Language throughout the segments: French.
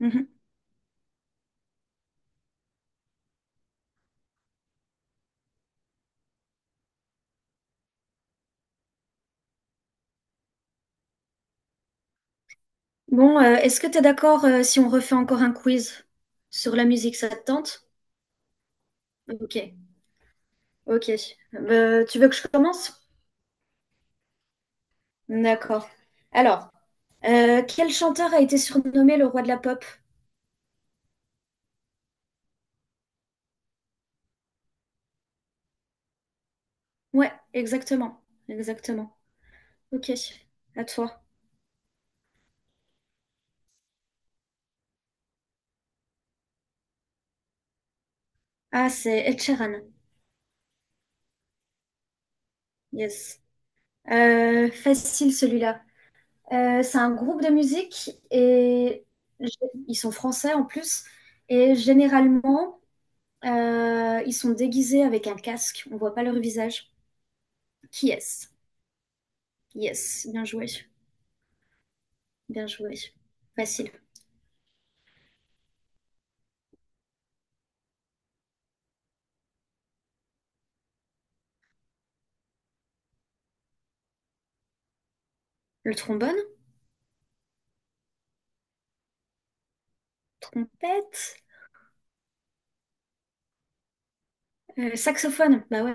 Mhm. Bon, est-ce que tu es d'accord si on refait encore un quiz sur la musique, ça te tente? Ok, ok. Tu veux que je commence? D'accord. Alors, quel chanteur a été surnommé le roi de la pop? Ouais, exactement, exactement. Ok, à toi. Ah, c'est Ed Sheeran. Yes. Facile celui-là. C'est un groupe de musique et g- ils sont français en plus. Et généralement, ils sont déguisés avec un casque, on voit pas leur visage. Qui est-ce? Yes, bien joué, bien joué. Facile. Le trombone? Trompette? Saxophone? Bah ouais.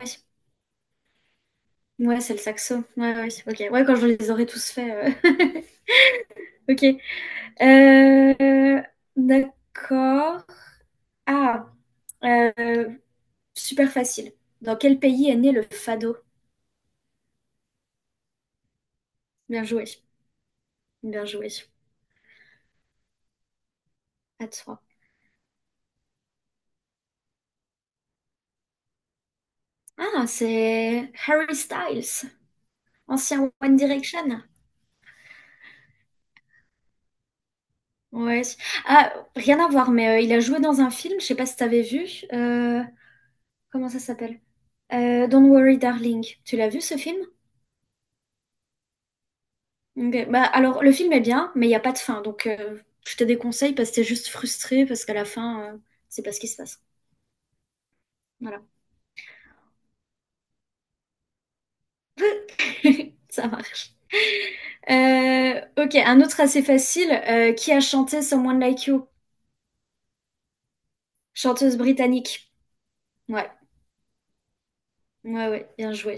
Ouais, c'est le saxo. Ouais, ouais, ok. Ouais, quand je les aurai tous faits. Ok. Euh, D'accord. Ah, euh, super facile. Dans quel pays est né le fado? Bien joué, bien joué. À toi. Ah, c'est Harry Styles. Ancien One Direction? Ouais. Ah, rien à voir, mais il a joué dans un film, je sais pas si t'avais vu. euh, Comment ça s'appelle? Don't Worry Darling. Tu l'as vu ce film? Ok. Bah, alors, le film est bien, mais il n'y a pas de fin. Donc, je te déconseille parce que t'es juste frustré parce qu'à la fin, c'est pas ce qui se passe. Voilà. Ça marche. Ok, un autre assez facile. Qui a chanté Someone Like You? Chanteuse britannique. Ouais, ouais, ouais, bien joué.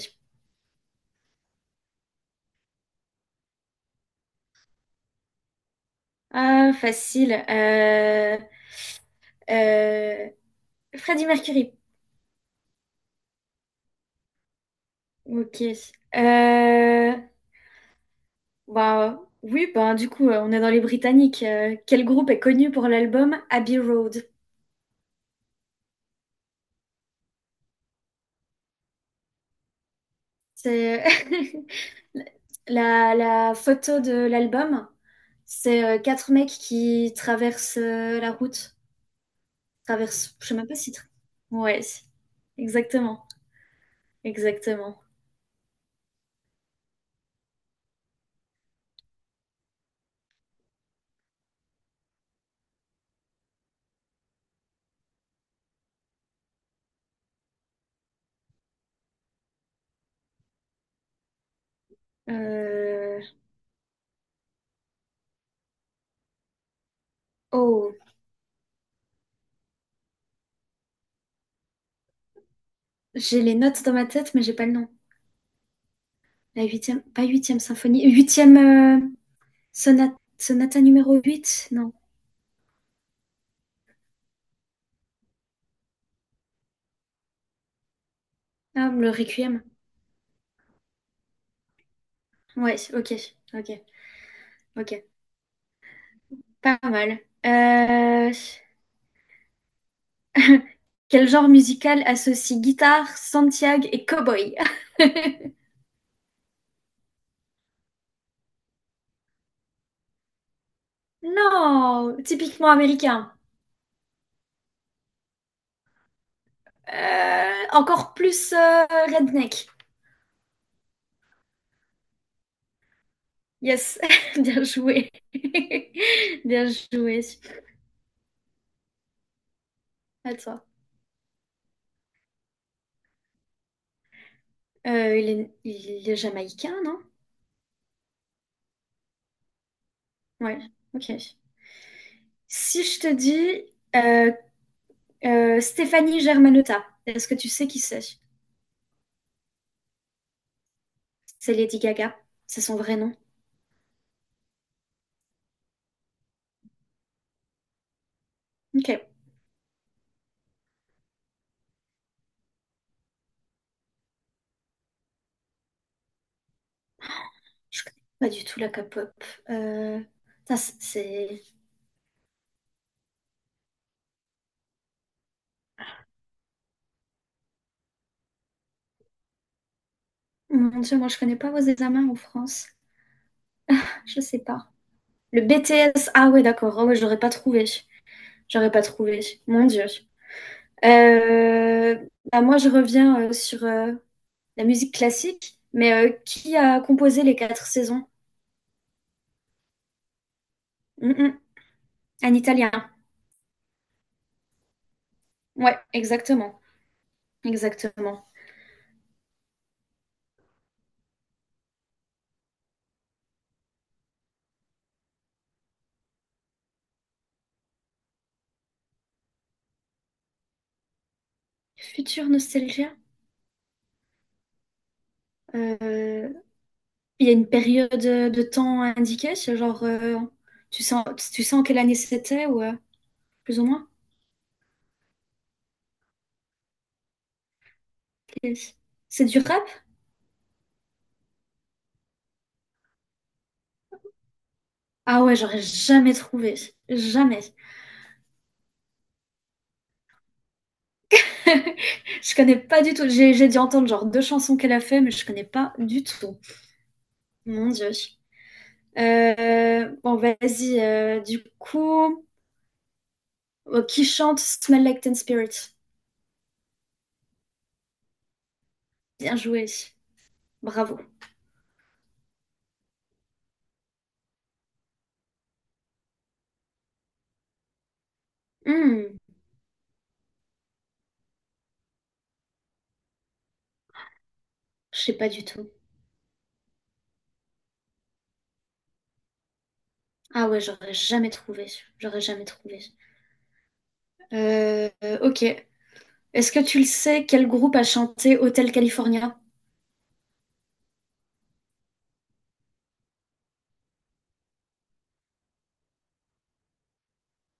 Ah, facile. Euh, Freddie Mercury. Ok. Euh, Bah, oui, bah, du coup, on est dans les Britanniques. Quel groupe est connu pour l'album Abbey Road? C'est la photo de l'album. C'est quatre mecs qui traversent la route. Traversent, je sais même pas si... Ouais, si. Exactement. Exactement. Euh, Oh, j'ai les notes dans ma tête, mais j'ai pas le nom. La huitième, pas huitième symphonie, huitième sonate, sonata numéro huit non. Ah, le Requiem. Ouais, ok, ok, ok. Pas mal. Euh, quel genre musical associe guitare, Santiago et cowboy? Non, typiquement américain. Encore plus redneck. Yes, bien joué. Bien joué. Attends. Il est jamaïcain, non? Ouais, ok. Si je te dis euh, Stéphanie Germanotta, est-ce que tu sais qui c'est? C'est Lady Gaga. C'est son vrai nom. Ok. Je connais pas du tout la K-pop. Euh, Putain, c'est... Mon Dieu, moi je connais pas vos examens en France. Je sais pas. Le BTS. Ah ouais, d'accord. Ah ouais, j'aurais pas trouvé. J'aurais pas trouvé. Mon Dieu. Euh, Bah, moi je reviens sur la musique classique. Mais qui a composé les quatre saisons? Mm, mm. Un Italien. Ouais, exactement. Exactement. Future nostalgia. euh, Il y a une période de temps indiquée, c'est genre tu sens tu sens quelle année c'était ou plus ou moins? C'est du rap? Ah ouais, j'aurais jamais trouvé. Jamais. Je connais pas du tout. J'ai dû entendre genre deux chansons qu'elle a fait, mais je connais pas du tout. Mon Dieu. Bon, vas-y. Du coup, qui chante Smell Like Teen Spirit? Bien joué. Bravo. Hmm, je sais pas du tout. Ah ouais, j'aurais jamais trouvé. J'aurais jamais trouvé. Ok. Est-ce que tu le sais, quel groupe a chanté Hotel California?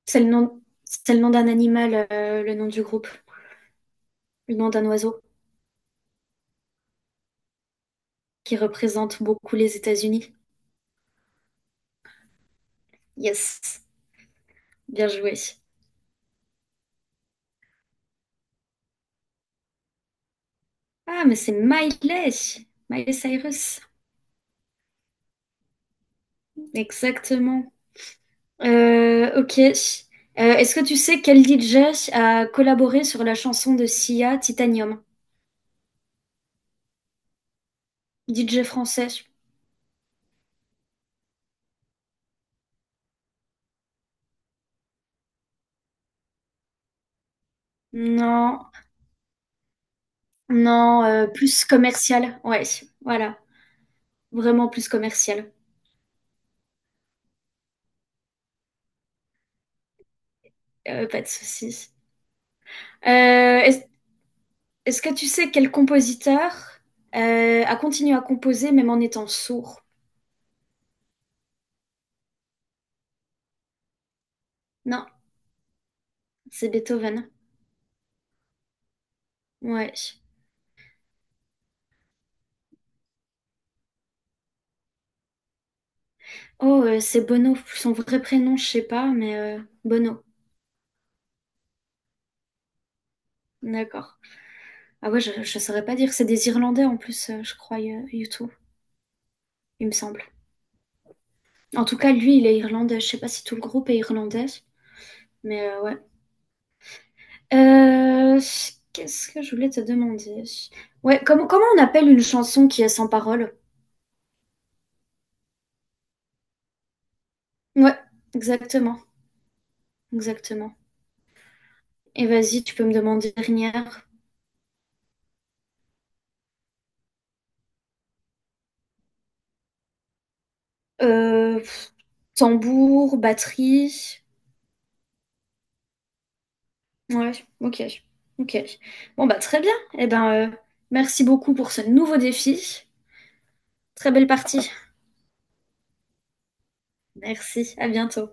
C'est le nom d'un animal, le nom du groupe, le nom d'un oiseau qui représente beaucoup les États-Unis. Yes, bien joué. Ah, mais c'est Miley, Miley Cyrus. Exactement. Ok. Est-ce que tu sais quel DJ a collaboré sur la chanson de Sia, Titanium? DJ français? Non. Non, plus commercial, ouais, voilà, vraiment plus commercial, pas de souci. Heu, est-ce est-ce que tu sais quel compositeur, a continué à composer même en étant sourd? Non, c'est Beethoven, ouais. Oh, c'est Bono, son vrai prénom, je sais pas, mais Bono, d'accord. Ah ouais, je saurais pas dire, c'est des Irlandais en plus, je crois, U U2, il me semble. En tout cas, lui, il est irlandais, je sais pas si tout le groupe est irlandais, mais ouais. Euh, qu'est-ce que je voulais te demander? Ouais, comment on appelle une chanson qui est sans parole? Ouais, exactement, exactement. Et vas-y, tu peux me demander une dernière. Euh, pff, tambour, batterie. Ouais, ok, ok. Bon bah très bien. Eh ben, merci beaucoup pour ce nouveau défi. Très belle partie. Merci, à bientôt.